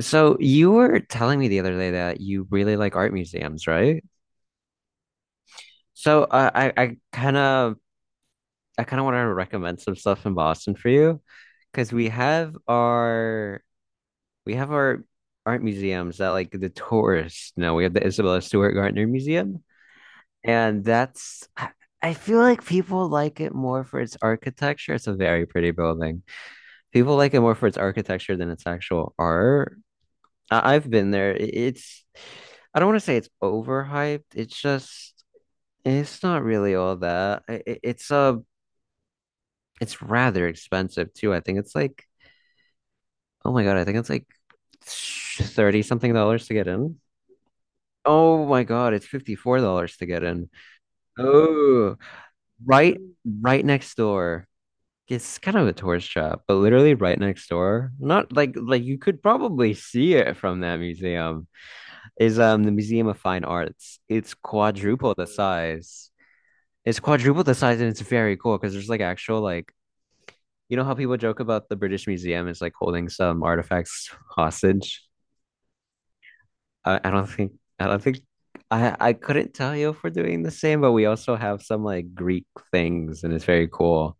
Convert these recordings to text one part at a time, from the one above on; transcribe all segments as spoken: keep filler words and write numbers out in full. So you were telling me the other day that you really like art museums, right? So uh, I I kind of I kind of want to recommend some stuff in Boston for you because we have our we have our art museums that like the tourists know. We have the Isabella Stewart Gardner Museum, and that's I I feel like people like it more for its architecture. It's a very pretty building. People like it more for its architecture than its actual art. I- I've been there. I- It's I don't want to say it's overhyped. It's just it's not really all that. I- I- It's uh it's rather expensive too. I think it's like oh my God, I think it's like thirty something dollars to get in. Oh my God, it's fifty-four dollars to get in. Oh, right right next door. It's kind of a tourist trap, but literally right next door. Not like like you could probably see it from that museum. is um the Museum of Fine Arts. It's quadruple the size. It's quadruple the size, and it's very cool because there's like actual like you know how people joke about the British Museum is like holding some artifacts hostage. I, I don't think I don't think I I couldn't tell you if we're doing the same, but we also have some like Greek things, and it's very cool.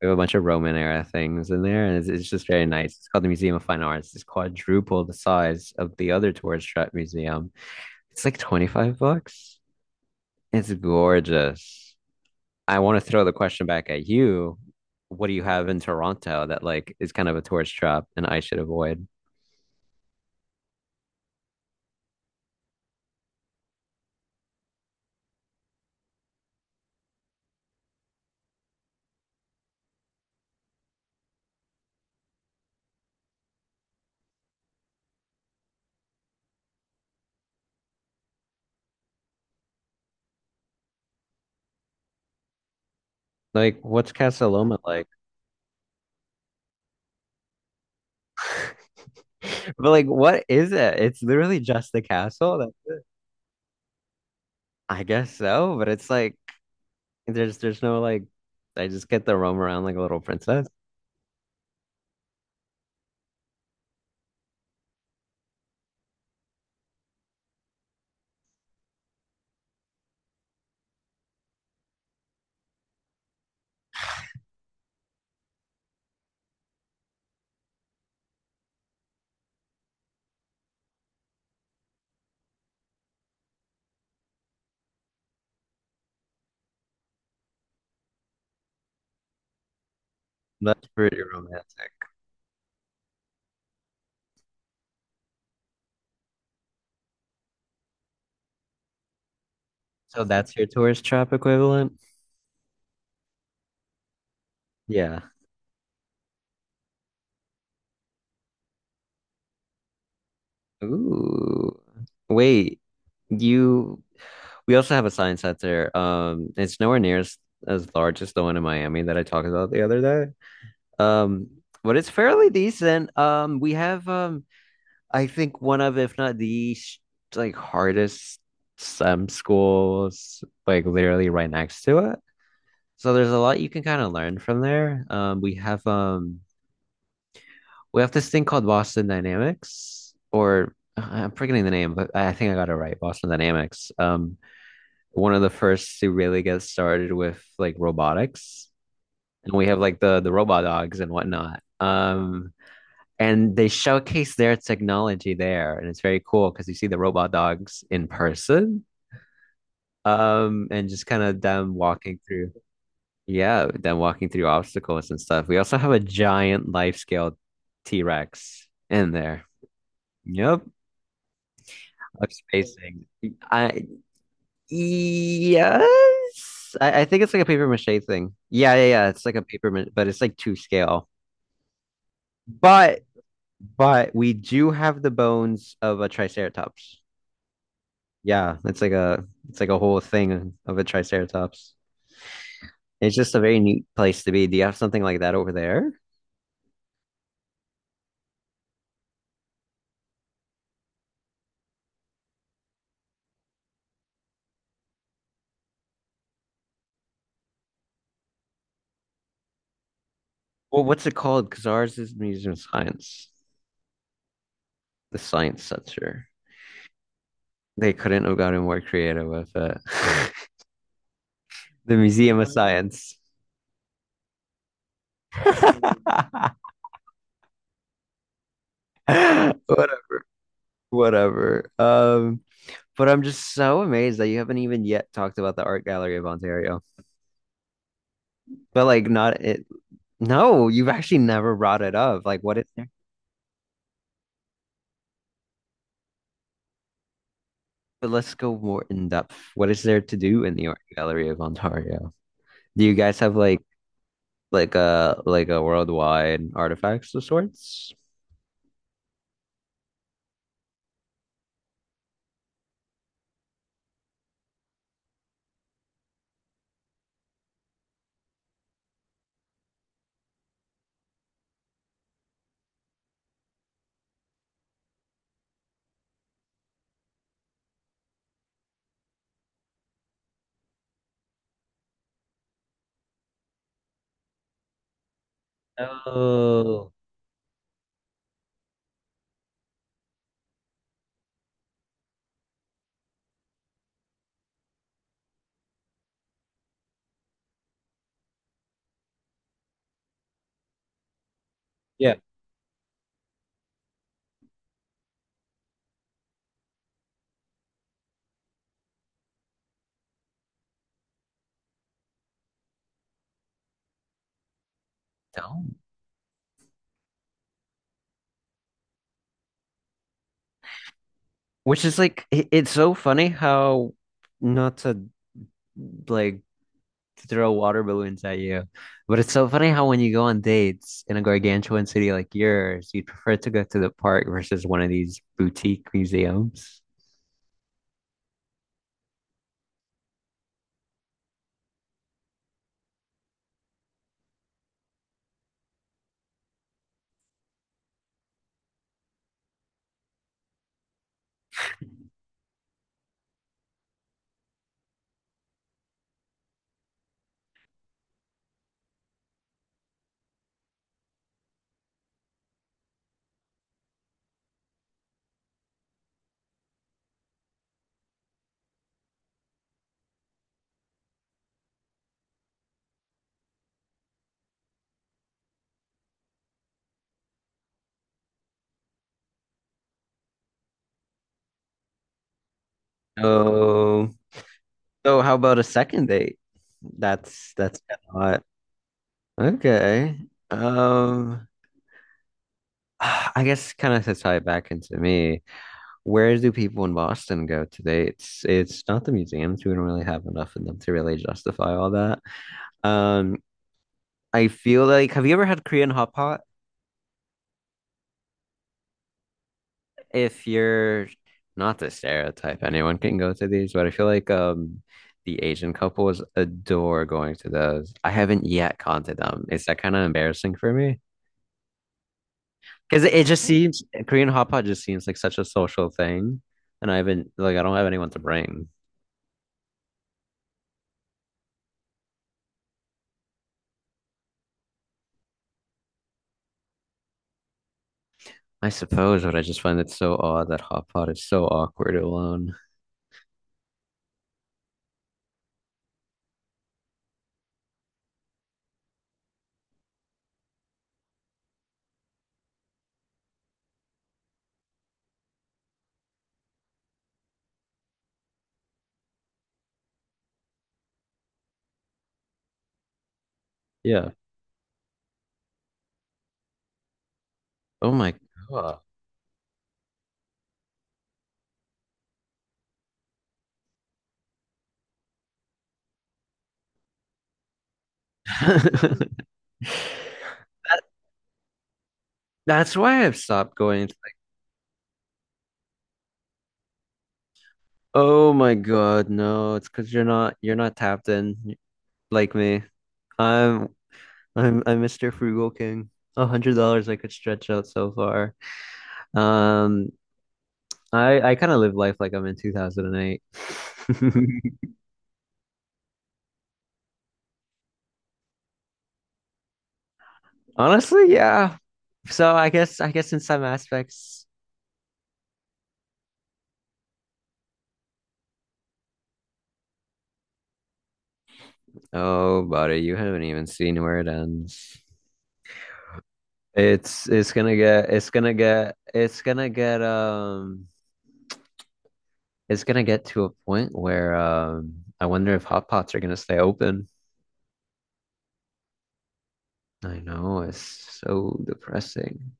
We have a bunch of Roman era things in there, and it's, it's just very nice. It's called the Museum of Fine Arts. It's quadruple the size of the other tourist trap museum. It's like twenty-five bucks. It's gorgeous. I want to throw the question back at you. What do you have in Toronto that like is kind of a tourist trap and I should avoid? Like, what's Casa Loma like? But like, what is it? It's literally just the castle. That's it. I guess so, but it's like there's there's no like I just get to roam around like a little princess. That's pretty romantic. So that's your tourist trap equivalent? Yeah. Ooh. Wait, you we also have a science out there. Um, it's nowhere near as, as large as the one in Miami that I talked about the other day. Um, but it's fairly decent. Um, we have um I think one of, if not the sh- like hardest STEM schools like literally right next to it. So there's a lot you can kind of learn from there. Um, we have um we have this thing called Boston Dynamics, or uh, I'm forgetting the name, but I think I got it right. Boston Dynamics. Um, one of the first to really get started with like robotics, and we have like the the robot dogs and whatnot. Um, and they showcase their technology there, and it's very cool because you see the robot dogs in person, um, and just kind of them walking through. Yeah, them walking through obstacles and stuff. We also have a giant life scale T-Rex in there. Yep. of spacing. I yes, I, I think it's like a paper mache thing. Yeah, yeah, yeah. It's like a paper, ma- but it's like two scale. But but we do have the bones of a triceratops. Yeah, it's like a it's like a whole thing of a triceratops. It's just a very neat place to be. Do you have something like that over there? Well, what's it called? Because ours is Museum of Science, the science center. They couldn't have gotten more creative with it. The Museum of Science. Whatever. Whatever. Um, But I'm just so amazed that you haven't even yet talked about the Art Gallery of Ontario. But like not it no, you've actually never brought it up. Like what is there? But let's go more in depth. What is there to do in the Art Gallery of Ontario? Do you guys have like like a like a worldwide artifacts of sorts? Oh, yeah. No. Which is like it- it's so funny how not to like to throw water balloons at you. But it's so funny how when you go on dates in a gargantuan city like yours, you'd prefer to go to the park versus one of these boutique museums. So, so how about a second date? That's that's a lot. Okay. Um, I guess kind of to tie it back into me. Where do people in Boston go today? It's it's not the museums. We don't really have enough of them to really justify all that. Um, I feel like have you ever had Korean hot pot? If you're not to stereotype, anyone can go to these, but I feel like um the Asian couples adore going to those. I haven't yet gone to them. Is that kind of embarrassing for me? Because it, it just seems Korean hot pot just seems like such a social thing, and I haven't like I don't have anyone to bring. I suppose, but I just find it so odd that hot pot is so awkward alone. Yeah. Oh my God. That, that's why I've stopped going. to- like, Oh my God, no, it's because you're not you're not tapped in like me. I'm I'm I'm mister Frugal King. A hundred dollars I could stretch out so far. Um, I I kind of live life like I'm in two thousand eight. Honestly, yeah. So I guess I guess in some aspects. Oh, buddy, you haven't even seen where it ends. It's it's gonna get it's gonna get it's gonna get um it's gonna get to a point where um I wonder if hot pots are gonna stay open. I know it's so depressing.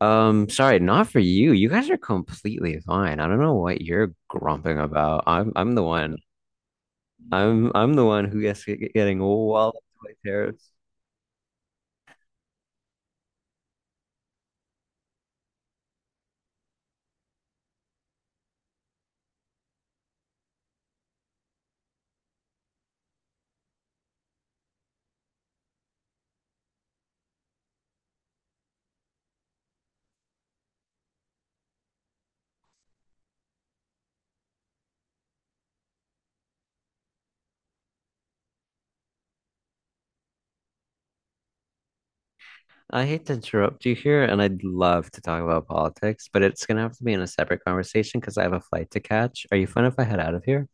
Um, sorry, not for you. You guys are completely fine. I don't know what you're grumping about. I'm I'm the one. I'm I'm the one who gets getting all wild terrible. I hate to interrupt you here, and I'd love to talk about politics, but it's gonna have to be in a separate conversation because I have a flight to catch. Are you fine if I head out of here?